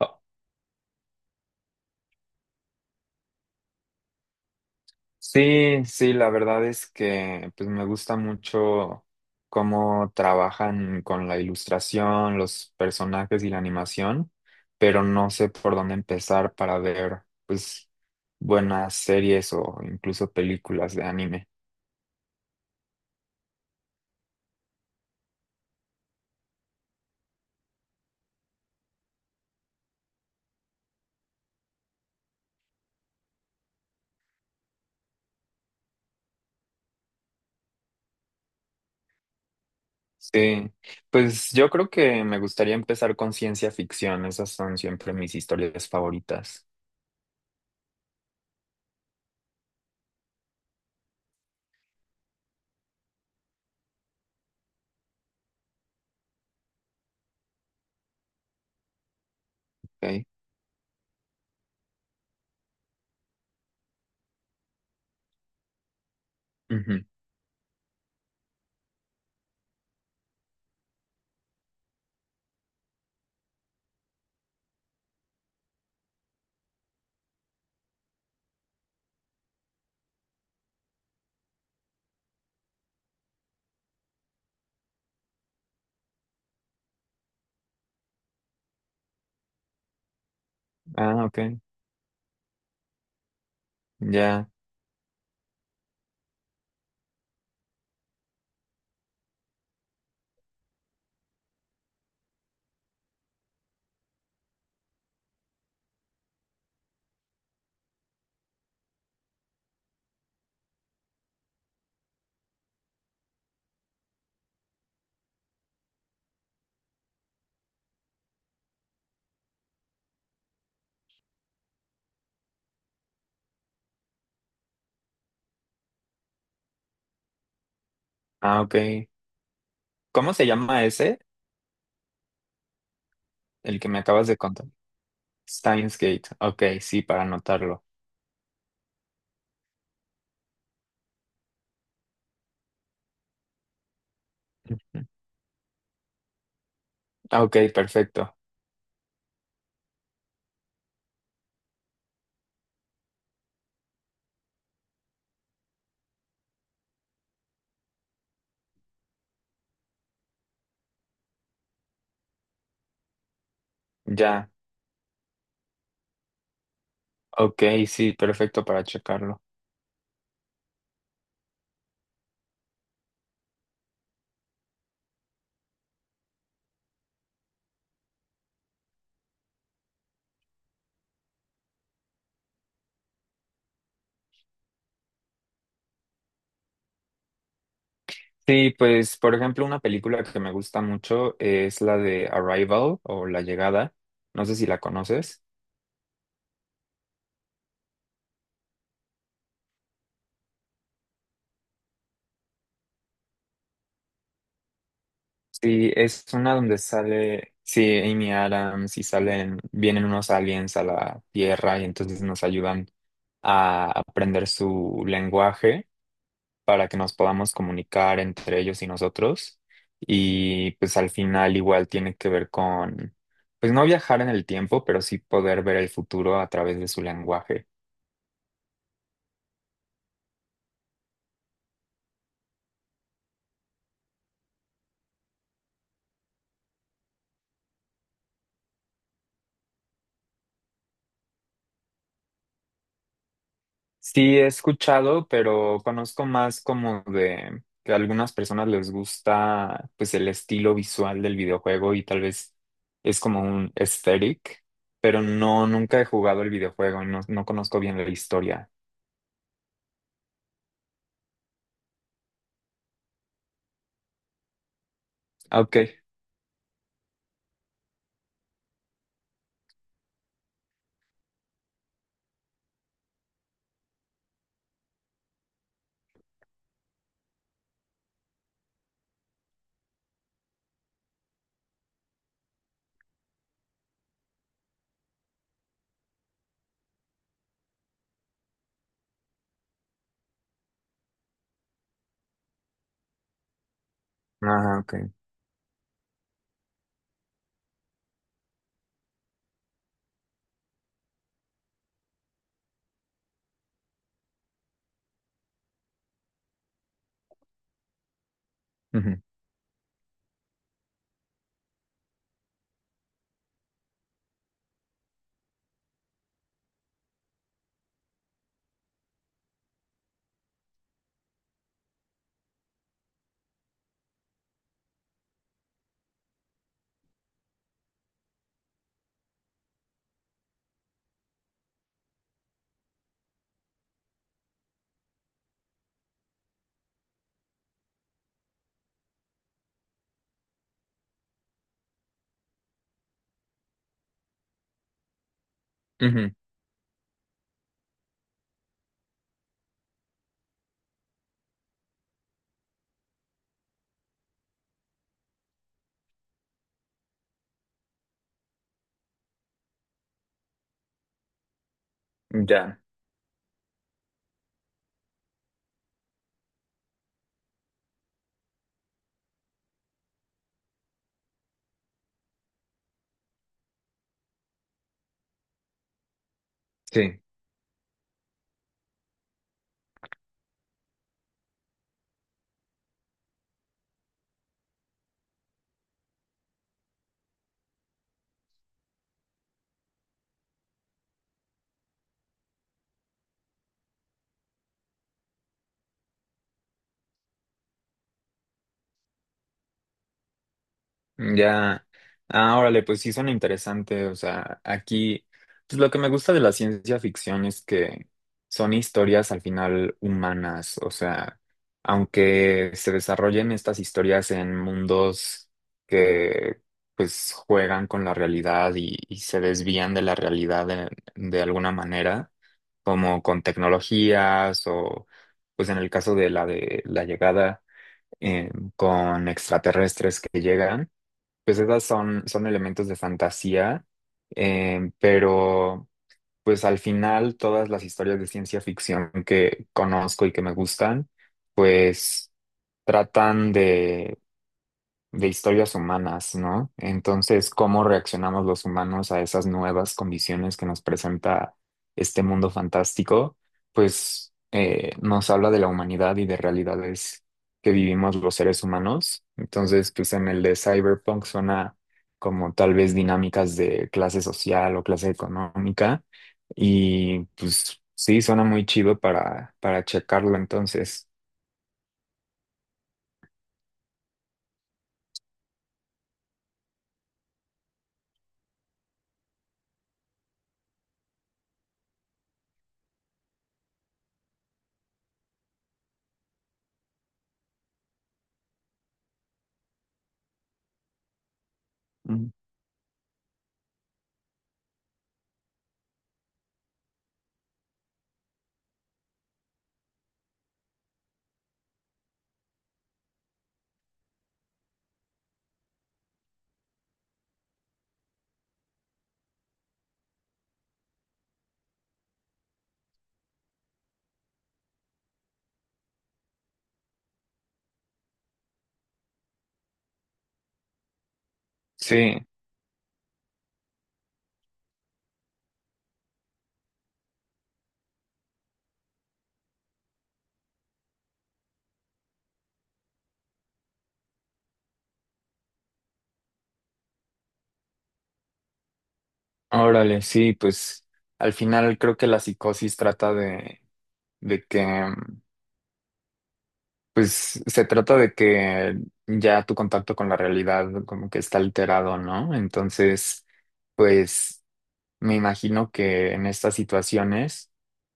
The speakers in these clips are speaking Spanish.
Oh, sí, sí, la verdad es que me gusta mucho cómo trabajan con la ilustración, los personajes y la animación, pero no sé por dónde empezar para ver pues buenas series o incluso películas de anime. Sí, pues yo creo que me gustaría empezar con ciencia ficción, esas son siempre mis historias favoritas. Okay. Ujú. Ah, ok, ya. Ah, ok. ¿Cómo se llama ese? El que me acabas de contar. Steins Gate. Ok, sí, para anotarlo. Ujú. Ok, perfecto. Ya. Ok, sí, perfecto para checarlo. Sí, pues, por ejemplo, una película que me gusta mucho es la de Arrival o La Llegada. No sé si la conoces. Sí, es una donde sale, sí, Amy Adams y salen, vienen unos aliens a la Tierra y entonces nos ayudan a aprender su lenguaje, para que nos podamos comunicar entre ellos y nosotros. Y pues al final igual tiene que ver con, pues no viajar en el tiempo, pero sí poder ver el futuro a través de su lenguaje. Sí he escuchado, pero conozco más como de que a algunas personas les gusta pues el estilo visual del videojuego y tal vez es como un aesthetic, pero no, nunca he jugado el videojuego y no, no conozco bien la historia. Ah, ok. Ah, ok. Ujú, ujú, ya, sí. Ya, ah, órale, pues sí suena interesante. O sea, aquí, pues lo que me gusta de la ciencia ficción es que son historias al final humanas. O sea, aunque se desarrollen estas historias en mundos que pues juegan con la realidad y se desvían de la realidad de alguna manera, como con tecnologías o pues en el caso de la llegada eh, con extraterrestres que llegan, pues esas son, son elementos de fantasía, pero pues al final todas las historias de ciencia ficción que conozco y que me gustan, pues tratan de historias humanas, ¿no? Entonces, ¿cómo reaccionamos los humanos a esas nuevas condiciones que nos presenta este mundo fantástico? Pues nos habla de la humanidad y de realidades que vivimos los seres humanos. Entonces, pues en el de Cyberpunk suena como tal vez dinámicas de clase social o clase económica y pues sí, suena muy chido para checarlo entonces. Mm. Sí. Órale, sí, pues al final creo que la psicosis trata de que, pues se trata de que ya tu contacto con la realidad como que está alterado, ¿no? Entonces, pues me imagino que en estas situaciones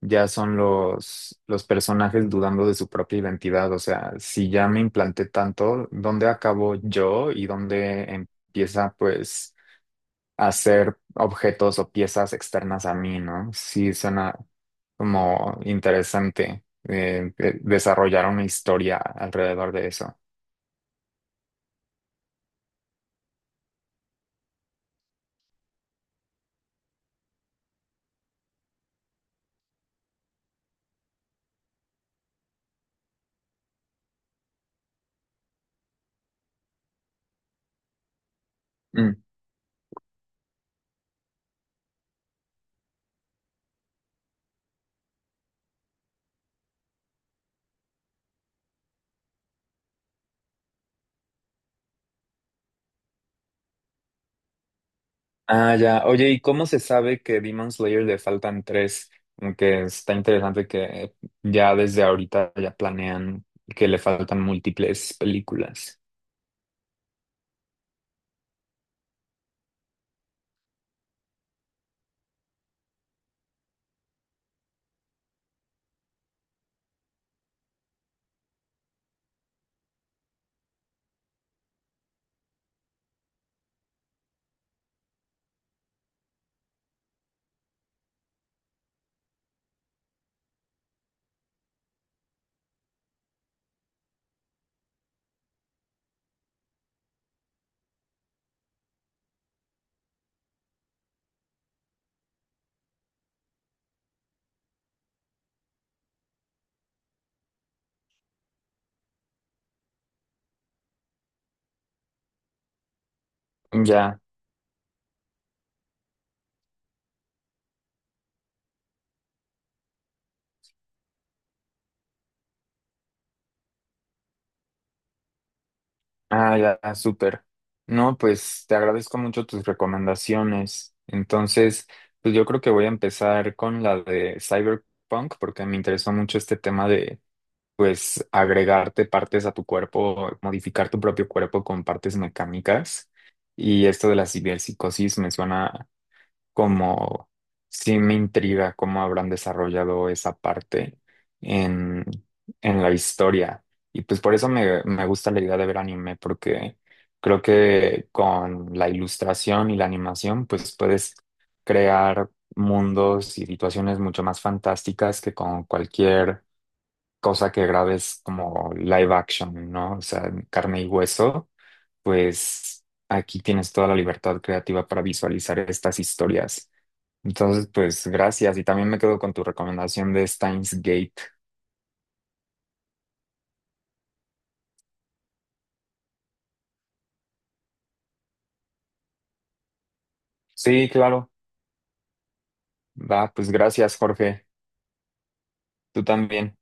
ya son los personajes dudando de su propia identidad, o sea, si ya me implanté tanto, ¿dónde acabo yo y dónde empieza, pues hacer objetos o piezas externas a mí, ¿no? Sí, suena como interesante desarrollar una historia alrededor de eso. Mm. Ah, ya. Oye, ¿y cómo se sabe que Demon Slayer le faltan tres? Como que está interesante que ya desde ahorita ya planean que le faltan múltiples películas. Ya. Ah, ya, súper. No, pues te agradezco mucho tus recomendaciones. Entonces, pues yo creo que voy a empezar con la de Cyberpunk porque me interesó mucho este tema de, pues, agregarte partes a tu cuerpo, modificar tu propio cuerpo con partes mecánicas. Y esto de la ciberpsicosis me suena como sí me intriga cómo habrán desarrollado esa parte en, en la historia. Y pues por eso me, me gusta la idea de ver anime, porque creo que con la ilustración y la animación, pues puedes crear mundos y situaciones mucho más fantásticas que con cualquier cosa que grabes como live action, ¿no? O sea, en carne y hueso, pues aquí tienes toda la libertad creativa para visualizar estas historias. Entonces, pues gracias. Y también me quedo con tu recomendación de Steins Gate. Sí, claro. Va, pues gracias, Jorge. Tú también.